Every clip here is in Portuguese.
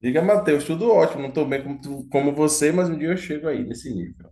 Diga, Matheus, tudo ótimo, não estou bem como, como você, mas um dia eu chego aí, nesse nível.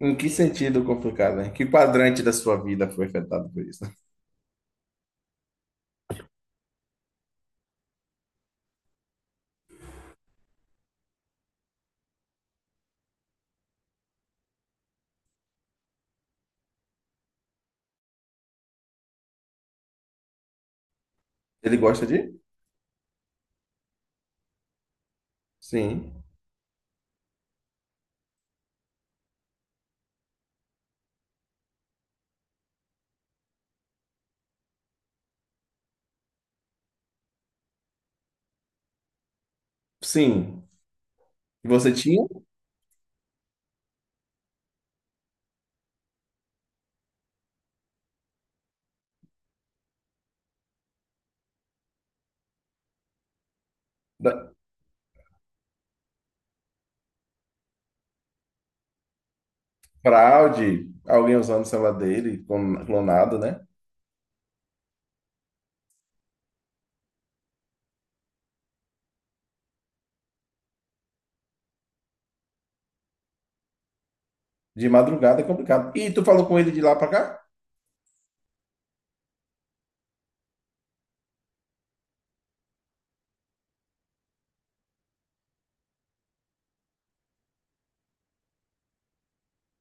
Em que sentido complicado, né? Que quadrante da sua vida foi afetado por isso? Ele gosta de? Sim. Sim. E você tinha Da- fraude, alguém usando o celular dele, clonado, né? De madrugada é complicado. E tu falou com ele de lá pra cá?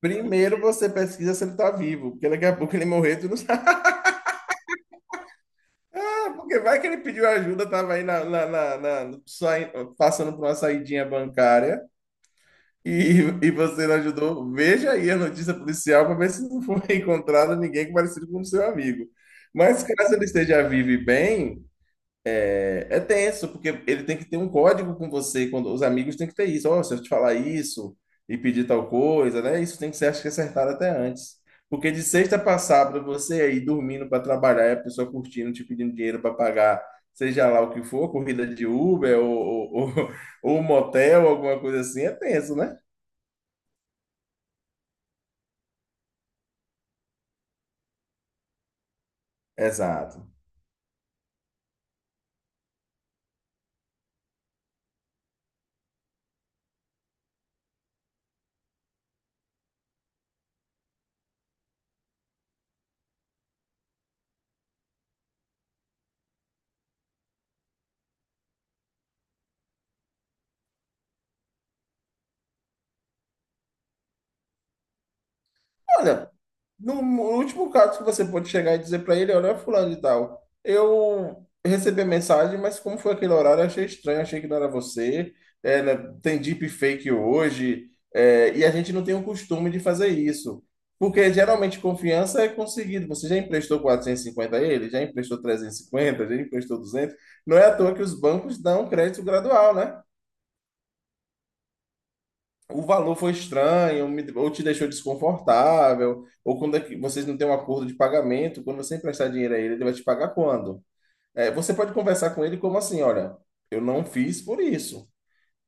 Primeiro você pesquisa se ele tá vivo, porque daqui a pouco ele morrer, tu não sabe. Porque vai que ele pediu ajuda, tava aí passando por uma saidinha bancária. E você não ajudou? Veja aí a notícia policial para ver se não foi encontrado ninguém parecido com o seu amigo. Mas caso ele esteja vivo e bem, é, é tenso, porque ele tem que ter um código com você, quando os amigos têm que ter isso. Ó, se eu te falar isso e pedir tal coisa, né? Isso tem que ser, acho que, acertado até antes. Porque de sexta para sábado, você aí dormindo para trabalhar, e a pessoa curtindo, te pedindo dinheiro para pagar, seja lá o que for, corrida de Uber ou ou motel, alguma coisa assim, é tenso, né? Exato. Olha, no último caso que você pode chegar e dizer para ele, olha, fulano e tal, eu recebi a mensagem, mas como foi aquele horário, eu achei estranho, achei que não era você. É, né, tem deepfake hoje, é, e a gente não tem o costume de fazer isso. Porque geralmente confiança é conseguido. Você já emprestou 450 a ele? Já emprestou 350, já emprestou 200. Não é à toa que os bancos dão crédito gradual, né? O valor foi estranho, ou te deixou desconfortável, ou quando é que vocês não têm um acordo de pagamento, quando você emprestar dinheiro a ele, ele vai te pagar quando? É, você pode conversar com ele como assim, olha, eu não fiz por isso,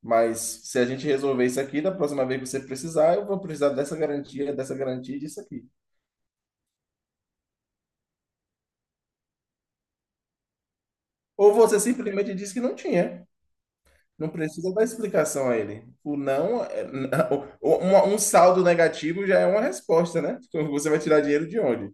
mas se a gente resolver isso aqui, da próxima vez que você precisar, eu vou precisar dessa garantia e disso aqui. Ou você simplesmente diz que não tinha. Não precisa dar explicação a ele. O não, um saldo negativo já é uma resposta, né? Então, você vai tirar dinheiro de onde?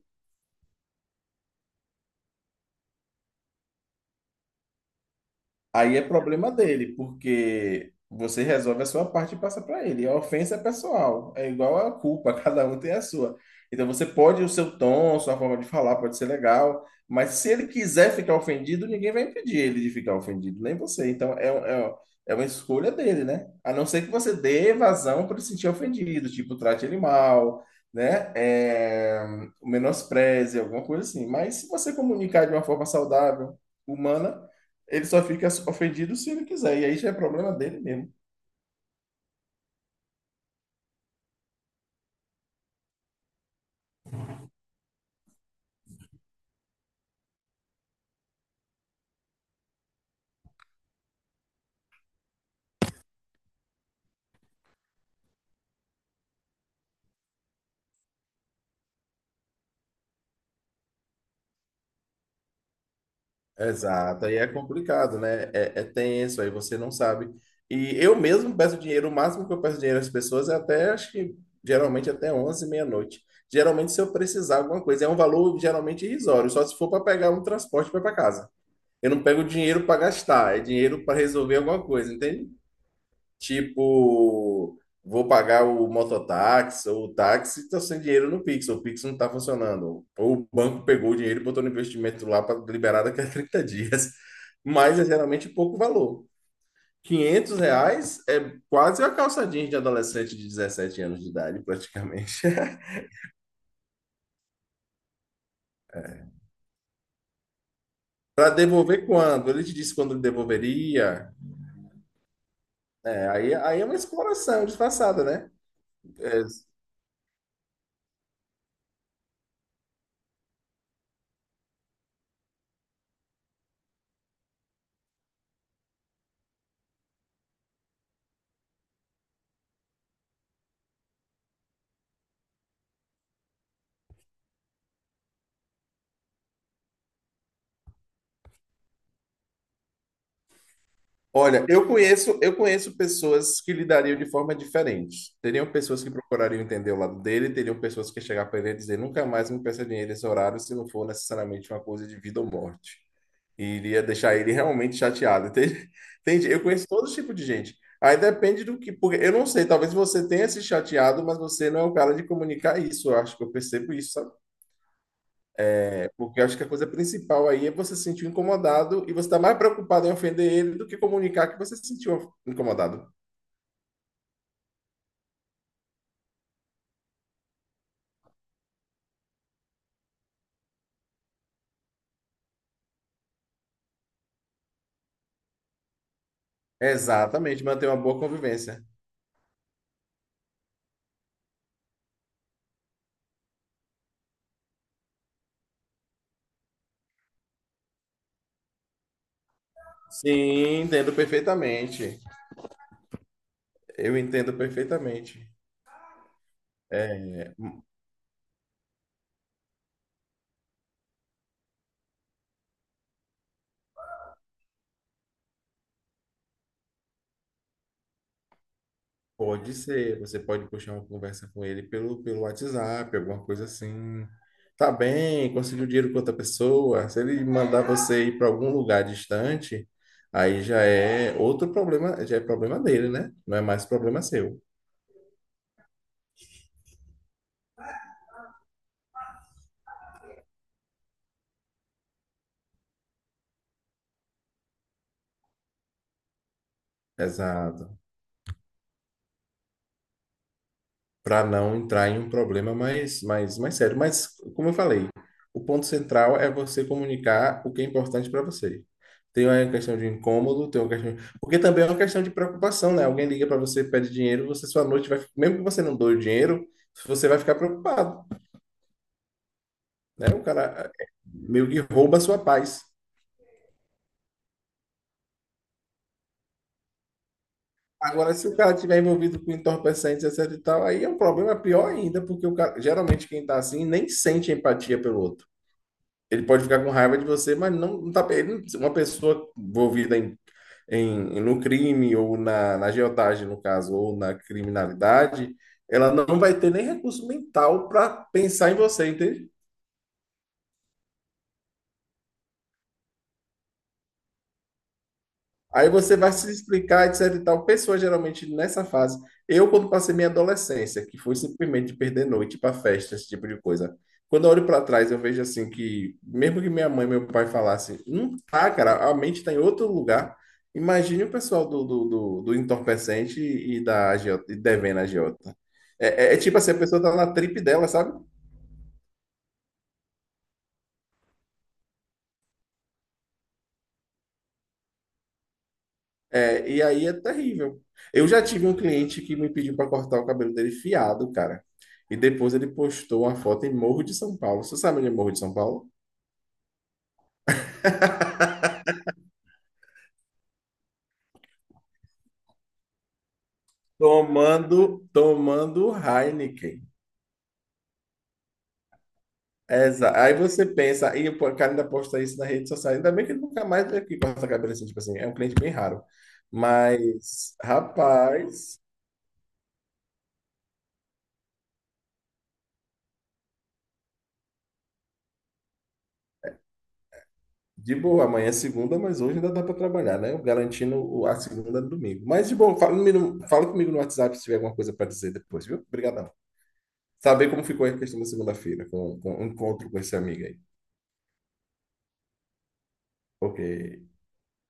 Aí é problema dele, porque você resolve a sua parte e passa para ele. A ofensa é pessoal, é igual a culpa, cada um tem a sua. Então você pode, o seu tom, sua forma de falar pode ser legal, mas se ele quiser ficar ofendido, ninguém vai impedir ele de ficar ofendido, nem você. Então é uma escolha dele, né? A não ser que você dê vazão para ele se sentir ofendido, tipo, trate ele mal, né? É, menospreze, alguma coisa assim. Mas se você comunicar de uma forma saudável, humana. Ele só fica ofendido se ele quiser, e aí já é problema dele mesmo. Exato, aí é complicado, né? É, é tenso, aí você não sabe. E eu mesmo peço dinheiro, o máximo que eu peço dinheiro às pessoas é até, acho que geralmente até 11 meia-noite. Geralmente, se eu precisar alguma coisa, é um valor geralmente irrisório, só se for para pegar um transporte para ir para casa. Eu não pego dinheiro para gastar, é dinheiro para resolver alguma coisa, entende? Tipo, vou pagar o mototáxi ou o táxi, estou sem dinheiro no Pix, o Pix não está funcionando. Ou o banco pegou o dinheiro e botou no investimento lá para liberar daqui a 30 dias. Mas é geralmente pouco valor. R$ 500 é quase a calça jeans de adolescente de 17 anos de idade, praticamente. Para devolver quando? Ele te disse quando ele devolveria. É, aí é uma exploração disfarçada, né? É, olha, eu conheço pessoas que lidariam de forma diferente. Teriam pessoas que procurariam entender o lado dele, teriam pessoas que chegar para ele e dizer nunca mais me peça dinheiro nesse horário se não for necessariamente uma coisa de vida ou morte. E iria deixar ele realmente chateado. Entende? Entende? Eu conheço todo tipo de gente. Aí depende do que, porque eu não sei, talvez você tenha se chateado, mas você não é o cara de comunicar isso. Eu acho que eu percebo isso, sabe? Porque eu acho que a coisa principal aí é você se sentir incomodado e você está mais preocupado em ofender ele do que comunicar que você se sentiu incomodado. Exatamente, manter uma boa convivência. Sim, entendo perfeitamente. Eu entendo perfeitamente. É, pode ser, você pode puxar uma conversa com ele pelo, pelo WhatsApp, alguma coisa assim. Tá bem, conseguiu dinheiro com outra pessoa. Se ele mandar você ir para algum lugar distante, aí já é outro problema, já é problema dele, né? Não é mais problema seu. Exato. Para não entrar em um problema mais sério. Mas, como eu falei, o ponto central é você comunicar o que é importante para você. Tem uma questão de incômodo, tem uma questão. Porque também é uma questão de preocupação, né? Alguém liga para você, pede dinheiro, você sua noite vai. Mesmo que você não doe o dinheiro, você vai ficar preocupado, né? O cara meio que rouba a sua paz. Agora, se o cara tiver envolvido com entorpecentes, etc e tal, aí é um problema pior ainda, porque o cara, geralmente quem tá assim nem sente empatia pelo outro. Ele pode ficar com raiva de você, mas não, uma pessoa envolvida no crime ou na, na agiotagem, no caso, ou na criminalidade, ela não vai ter nem recurso mental para pensar em você, entende? Aí você vai se explicar, etc e tal. Pessoas geralmente nessa fase. Eu, quando passei minha adolescência, que foi simplesmente perder noite para festa, esse tipo de coisa. Quando eu olho para trás, eu vejo assim que, mesmo que minha mãe e meu pai falassem, não tá, cara, a mente está em outro lugar. Imagine o pessoal do entorpecente e da agiota, e devendo a agiota. É tipo assim, a pessoa tá na trip dela, sabe? É, e aí é terrível. Eu já tive um cliente que me pediu para cortar o cabelo dele fiado, cara. E depois ele postou uma foto em Morro de São Paulo. Você sabe onde é Morro de São Paulo? Tomando Heineken. Exa. Aí você pensa, e o cara ainda posta isso na rede social. Ainda bem que ele nunca mais veio aqui cortar cabelo assim, tipo assim, é um cliente bem raro. Mas, rapaz, de boa, amanhã é segunda, mas hoje ainda dá para trabalhar, né? Eu garantindo a segunda no domingo. Mas de boa, fala comigo no WhatsApp se tiver alguma coisa para dizer depois, viu? Obrigadão. Saber como ficou a questão da segunda-feira, com o encontro com esse amigo aí. Ok.